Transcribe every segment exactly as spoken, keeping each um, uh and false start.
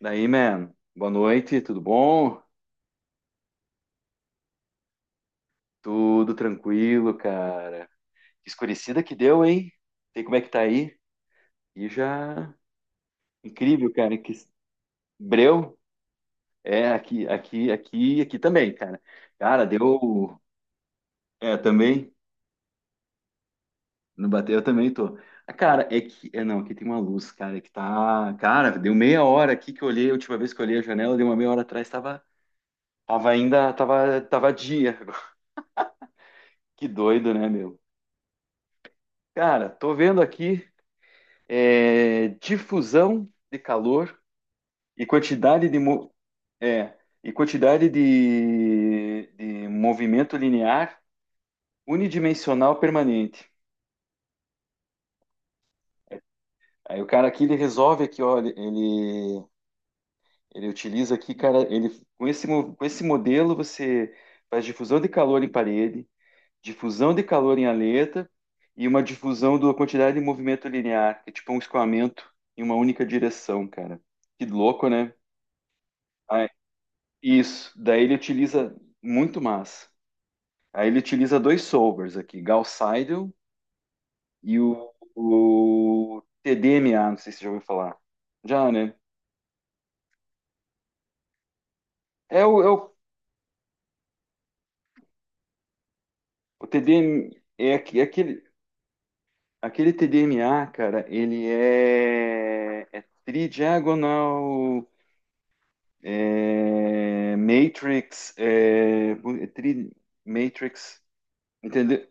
Daí, man, boa noite, tudo bom? Tudo tranquilo, cara. Que escurecida que deu, hein? Sei como é que tá aí. E já incrível, cara, que breu. É aqui, aqui, aqui, aqui também, cara. Cara, deu é também, não bateu, eu também tô. Ah, cara, é que é não, aqui tem uma luz, cara, que tá, cara, deu meia hora aqui que eu olhei, a última vez que eu olhei a janela, deu uma meia hora atrás, tava tava ainda, tava tava dia. Que doido, né, meu? Cara, tô vendo aqui é, difusão de calor e quantidade de, mo- é, e quantidade de, de movimento linear unidimensional permanente. Aí o cara aqui ele resolve aqui, ó, ele, ele utiliza aqui, cara, ele com esse, mo- com esse modelo você faz difusão de calor em parede, difusão de calor em aleta e uma difusão da quantidade de movimento linear, que é tipo um escoamento em uma única direção, cara. Que louco, né? Isso, daí ele utiliza muito massa. Aí ele utiliza dois solvers aqui, Gauss Seidel e o, o T D M A, não sei se você já ouviu falar. Já, né? É o, é o, o T D M, é, aque- é aquele, aquele T D M A, cara, ele é, é tridiagonal é, matrix, é, bu- é tri, matrix, entendeu?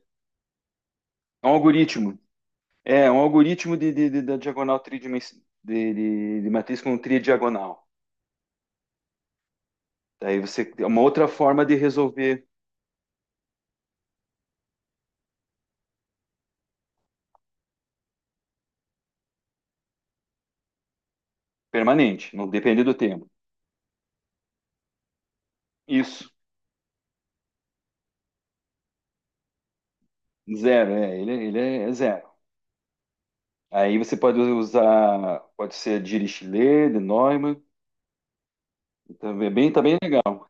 É um algoritmo. É, um algoritmo de, de- de- da diagonal tridimensional, de, de- de matriz com tridiagonal. Daí você é uma outra forma de resolver permanente, não depende do tempo. Isso, zero, é, ele, ele é zero. Aí você pode usar, pode ser Dirichlet, de Neumann, também é bem, tá bem legal.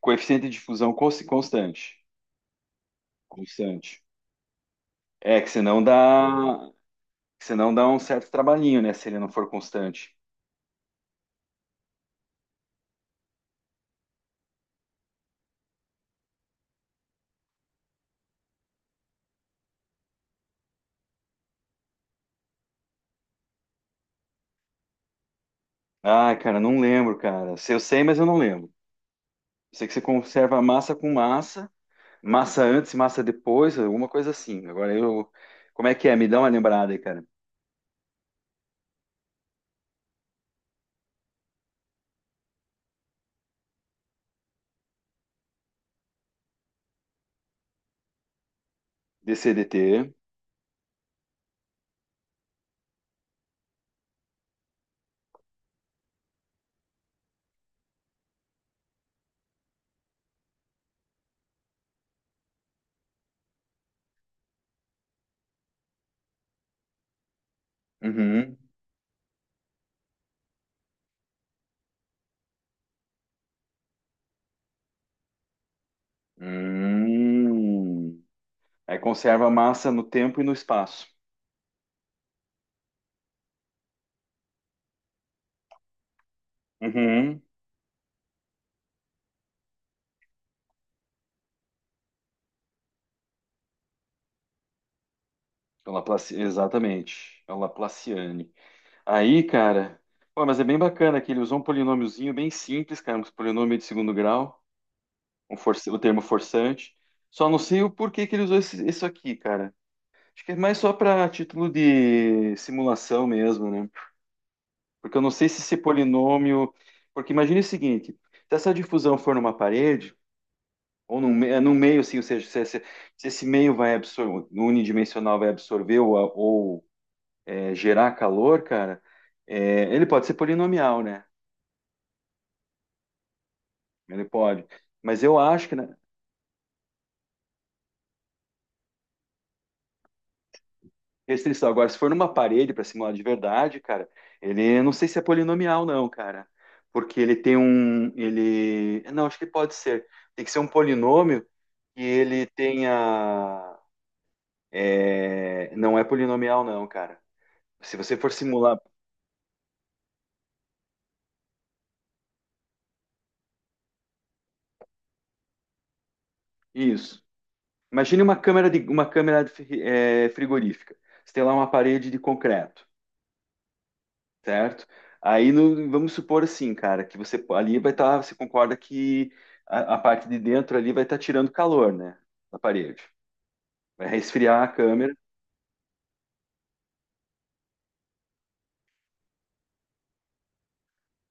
Coeficiente de difusão cons- constante, constante. É que senão dá, que senão dá um certo trabalhinho, né, se ele não for constante. Ah, cara, não lembro, cara. Se eu sei, mas eu não lembro. Sei que você conserva massa com massa, massa antes, massa depois, alguma coisa assim. Agora eu. Como é que é? Me dá uma lembrada aí, cara. D C D T. Uhum. Hum. Aí conserva a massa no tempo e no espaço. Uhum. É o Laplaci- exatamente. É o Laplaciane. Aí, cara. Pô, mas é bem bacana que ele usou um polinômiozinho bem simples, cara. Um polinômio de segundo grau, um força- o termo forçante. Só não sei o porquê que ele usou esse- isso aqui, cara. Acho que é mais só para título de simulação mesmo, né? Porque eu não sei se esse polinômio. Porque imagine o seguinte: se essa difusão for numa parede, ou num, me- é, num meio, assim, ou seja, se, esse se esse meio vai absorver, no unidimensional vai absorver ou, a- ou, é, gerar calor, cara, é, ele pode ser polinomial, né? Ele pode. Mas eu acho que, né, restrição. Agora, se for numa parede para simular de verdade, cara, ele não sei se é polinomial, não, cara. Porque ele tem um. Ele. Não, acho que pode ser. Tem que ser um polinômio que ele tenha. é, Não é polinomial, não, cara. Se você for simular. Isso. Imagine uma câmera de uma câmera de fri- é, frigorífica. Você tem lá uma parede de concreto. Certo? Aí no- vamos supor assim, cara, que você ali vai estar, você concorda que a, a parte de dentro ali vai estar tirando calor, né, da parede. Vai resfriar a câmera.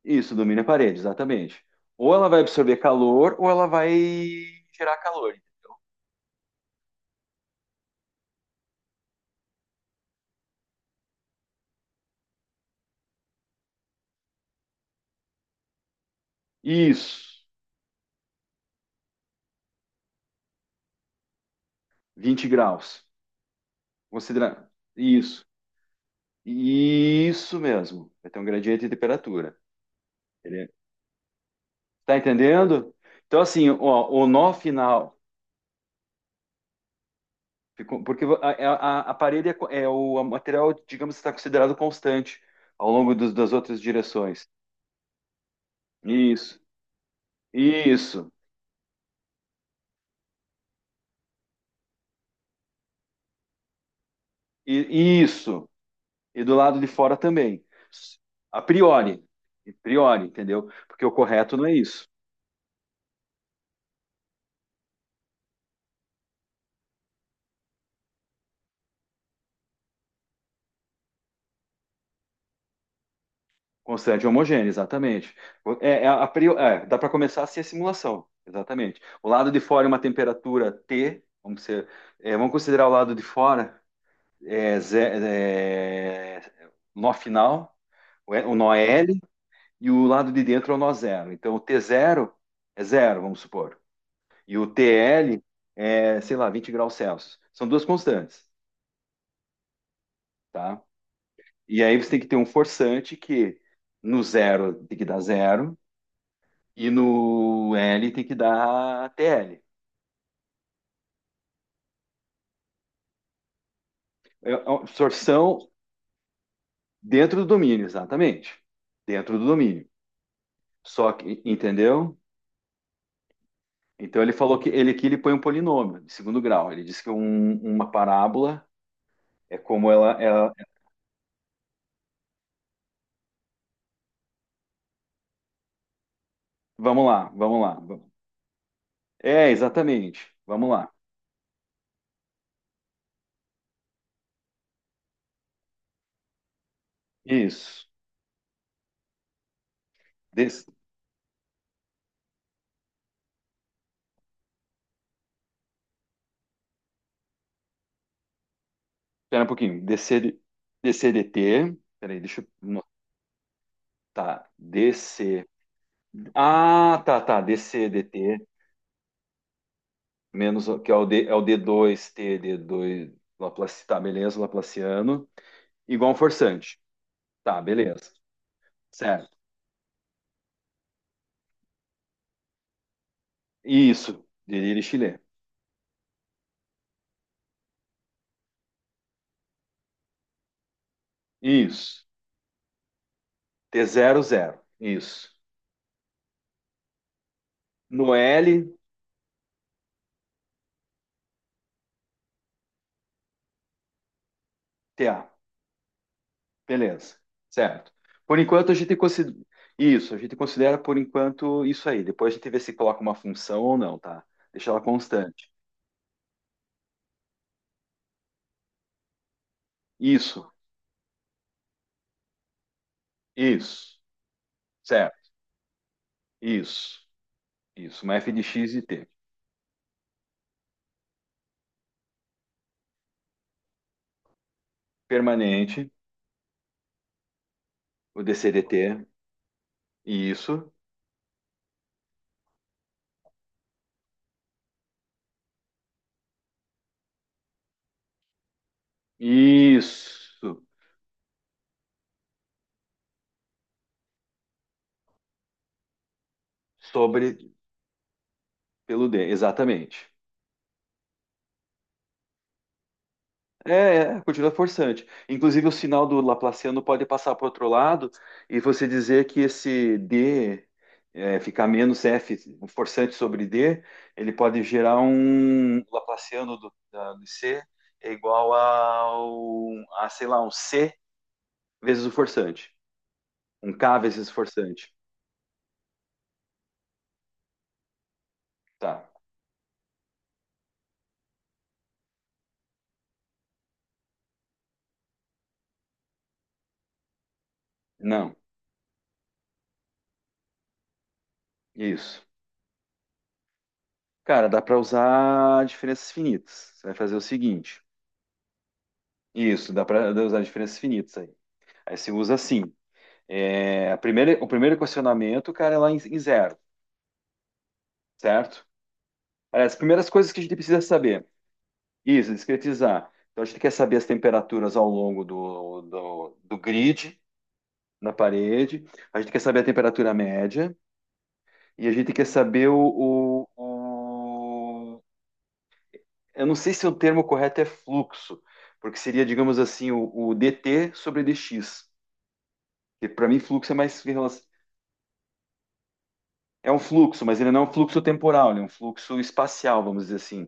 Isso, domina a parede, exatamente. Ou ela vai absorver calor, ou ela vai gerar calor. Isso, vinte graus. Considera isso. Isso mesmo. Vai ter um gradiente de temperatura. Ele- Tá entendendo? Então, assim, ó, o nó final, ficou- porque a, é, a, a parede é, co- é o a material, digamos, está considerado constante ao longo dos- das outras direções. Isso, isso, e- isso. E do lado de fora também. A priori, a priori, entendeu? Porque o correto não é isso. Constante e homogêneo, exatamente. É, é a priori, é, dá para começar assim a simulação, exatamente. O lado de fora é uma temperatura T, vamos, ser, é, vamos considerar o lado de fora é, ze- é, nó final. O E- o nó é L e o lado de dentro é o nó zero. Então, o t zero é zero, vamos supor. E o T L é, sei lá, vinte graus Celsius. São duas constantes, tá? E aí você tem que ter um forçante que no zero tem que dar zero e no L tem que dar T L. É uma absorção dentro do domínio, exatamente. Dentro do domínio. Só que, entendeu? Então ele falou que ele aqui ele põe um polinômio de segundo grau. Ele disse que um- uma parábola é como ela, vamos lá, vamos lá. É, exatamente. Vamos lá. Isso. Des... Espera um pouquinho. D C... D C D T. Peraí, deixa eu notar. D C. Ah, tá, tá. D C D T. Menos o- que é o, D... é o d dois t d dois. Laplace... Tá, beleza, Laplaciano. Igual um forçante. Tá, beleza. Certo. Isso. Dirichlet. Isso. T zero zero. Isso. No L, T A. Beleza, certo. Por enquanto a gente considera isso, a gente considera por enquanto isso aí. Depois a gente vê se coloca uma função ou não, tá? Deixa ela constante. Isso, isso, certo. Isso, isso. Uma f de x e t. Permanente, o dcdt, isso, isso. Sobre pelo d, exatamente. É, é, continua forçante. Inclusive, o sinal do Laplaciano pode passar para o outro lado e você dizer que esse D é, ficar menos F, um forçante sobre D, ele pode gerar um Laplaciano do, da- do C é igual ao, a, sei lá, um C vezes o forçante. Um K vezes o forçante. Tá. Não, isso. Cara, dá para usar diferenças finitas. Você vai fazer o seguinte. Isso, dá para usar diferenças finitas aí. Aí você usa assim. É, a primeira, o primeiro questionamento, cara, é lá em, em zero, certo? Aliás, as primeiras coisas que a gente precisa saber. Isso, discretizar. Então, a gente quer saber as temperaturas ao longo do, do, do grid, na parede. A gente quer saber a temperatura média. E a gente quer saber o, o, o- eu não sei se o termo correto é fluxo, porque seria, digamos assim, o, o dt sobre dx. Que para mim, fluxo é mais... É um fluxo, mas ele não é um fluxo temporal, ele é um fluxo espacial, vamos dizer assim.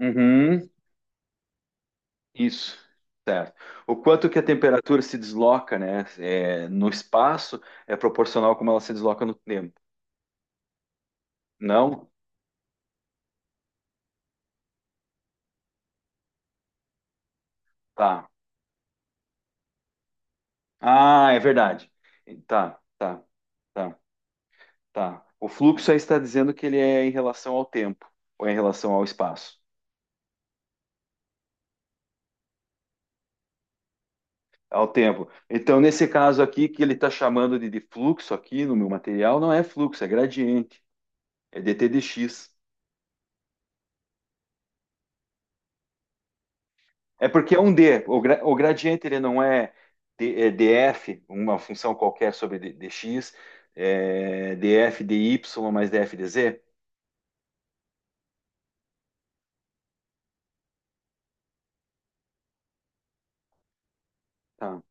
Uhum, isso, certo. O quanto que a temperatura se desloca, né, é, no espaço é proporcional como ela se desloca no tempo. Não? Tá. Ah, é verdade. Tá, tá, tá, tá. O fluxo aí está dizendo que ele é em relação ao tempo, ou é em relação ao espaço, ao tempo. Então, nesse caso aqui, que ele está chamando de, de fluxo aqui no meu material, não é fluxo, é gradiente, é dt dx. É porque é um D. O, gra- o gradiente ele não é, D- é df, uma função qualquer sobre d- dx, é df dy mais df dz. Tá,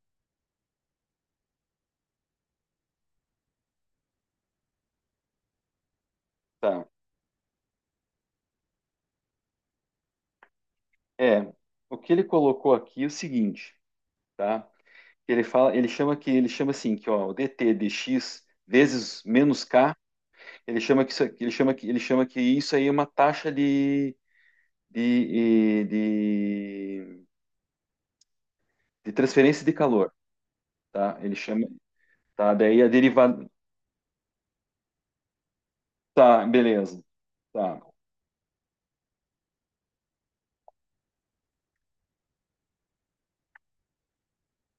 tá. É, o que ele colocou aqui é o seguinte, tá? Ele fala, ele chama que ele chama assim que ó, o dt dx vezes menos k, ele chama que isso, aqui- ele chama que ele chama que isso aí é uma taxa de de, de, de transferência de calor, tá? Ele chama, tá? Daí a derivada, tá, beleza. Tá.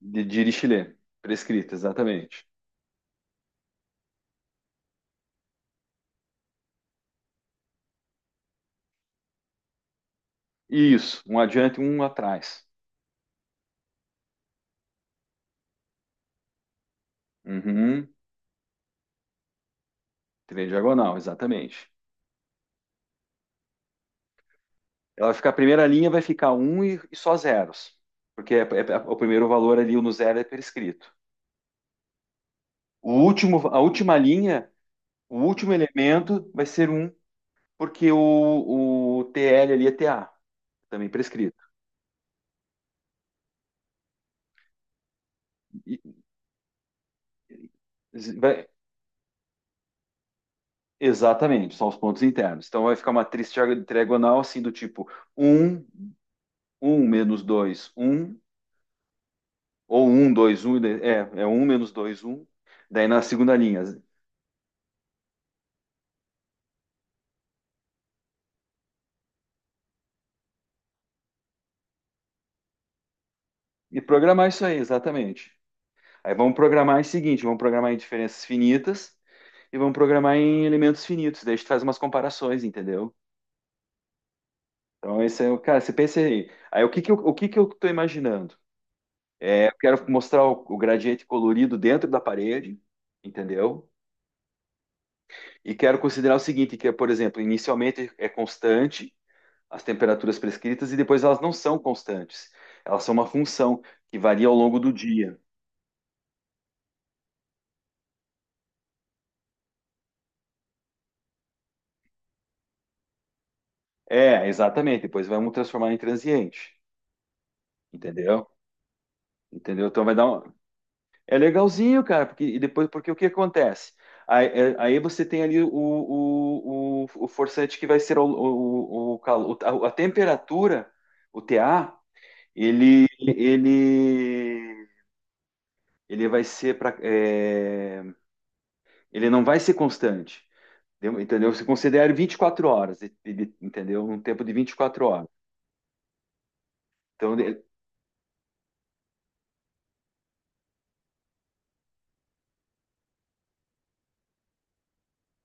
De Dirichlet. Prescrita, exatamente. Isso. Um adiante, um atrás. Uhum. Trem diagonal, exatamente. Ela vai ficar, a primeira linha vai ficar um e, e só zeros. Porque é, é- é, o primeiro valor ali, o no zero, é prescrito. O último, a última linha, o último elemento vai ser um, porque o, o T L ali é T a também prescrito. E- vai- exatamente, são os pontos internos. Então vai ficar uma matriz diagonal assim do tipo um um menos dois um ou um dois um é, é um menos dois um daí na segunda linha. E programar isso aí, exatamente. Aí vamos programar o seguinte, vamos programar em diferenças finitas e vamos programar em elementos finitos, daí a gente faz umas comparações, entendeu? Então, esse é o, cara, você pensa aí, aí o que que eu, o que que eu estou imaginando? É, eu quero mostrar o, o gradiente colorido dentro da parede, entendeu? E quero considerar o seguinte, que é, por exemplo, inicialmente é constante, as temperaturas prescritas e depois elas não são constantes. Elas são uma função que varia ao longo do dia. É, exatamente. Depois vamos transformar em transiente, entendeu? Entendeu? Então vai dar um... É legalzinho, cara, porque e depois porque o que acontece? Aí, é- aí você tem ali o, o, o, o forçante que vai ser o, o, o calor, a, a temperatura, o T A, ele ele ele vai ser para ele não vai ser constante. Deu- Entendeu? Você considera vinte e quatro horas, e- e- entendeu? Um tempo de vinte e quatro horas. Então, de-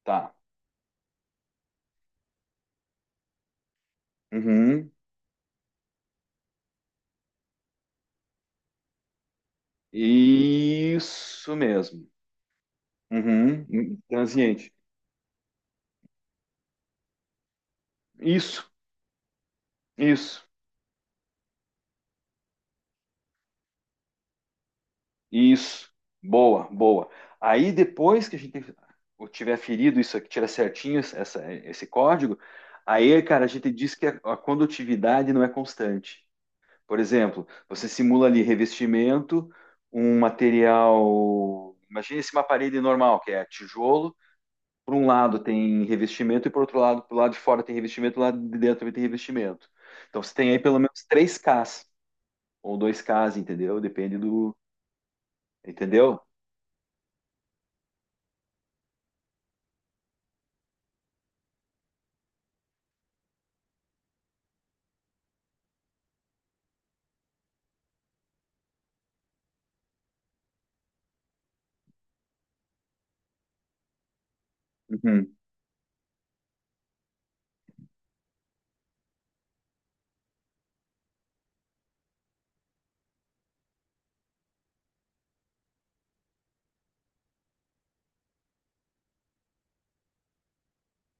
tá. Uhum. Isso mesmo. Uhum. Transiente. Isso, isso, isso. Boa, boa. Aí depois que a gente eu tiver ferido isso aqui, tira certinho essa, esse código, aí, cara, a gente diz que a, a condutividade não é constante. Por exemplo, você simula ali revestimento, um material. Imagina esse uma parede normal, que é tijolo. Por um lado tem revestimento e por outro lado, pro lado de fora tem revestimento, do lado de dentro também tem revestimento. Então você tem aí pelo menos três ks ou dois ks entendeu? Depende do. Entendeu? Uhum.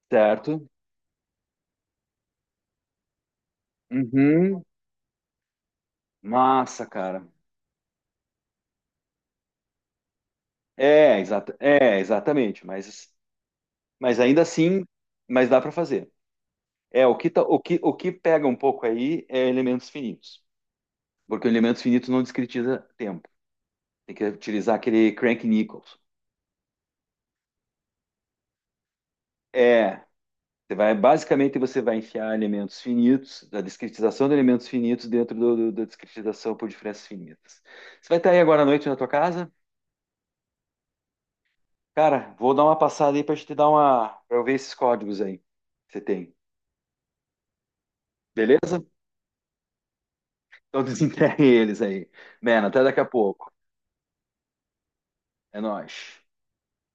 Certo? Uhum. Massa, cara. É, exata, é, exatamente. Mas, mas ainda assim, mas dá para fazer. É, o que, tá- o que, o que pega um pouco aí é elementos finitos. Porque o elemento finito não discretiza tempo. Tem que utilizar aquele Crank Nichols. É, você vai, basicamente você vai enfiar elementos finitos, a discretização de elementos finitos dentro do, do- da discretização por diferenças finitas. Você vai estar aí agora à noite na tua casa? Cara, vou dar uma passada aí para te dar uma, para eu ver esses códigos aí que você tem. Beleza? Então desenterre eles aí. Mano, até daqui a pouco. É nóis.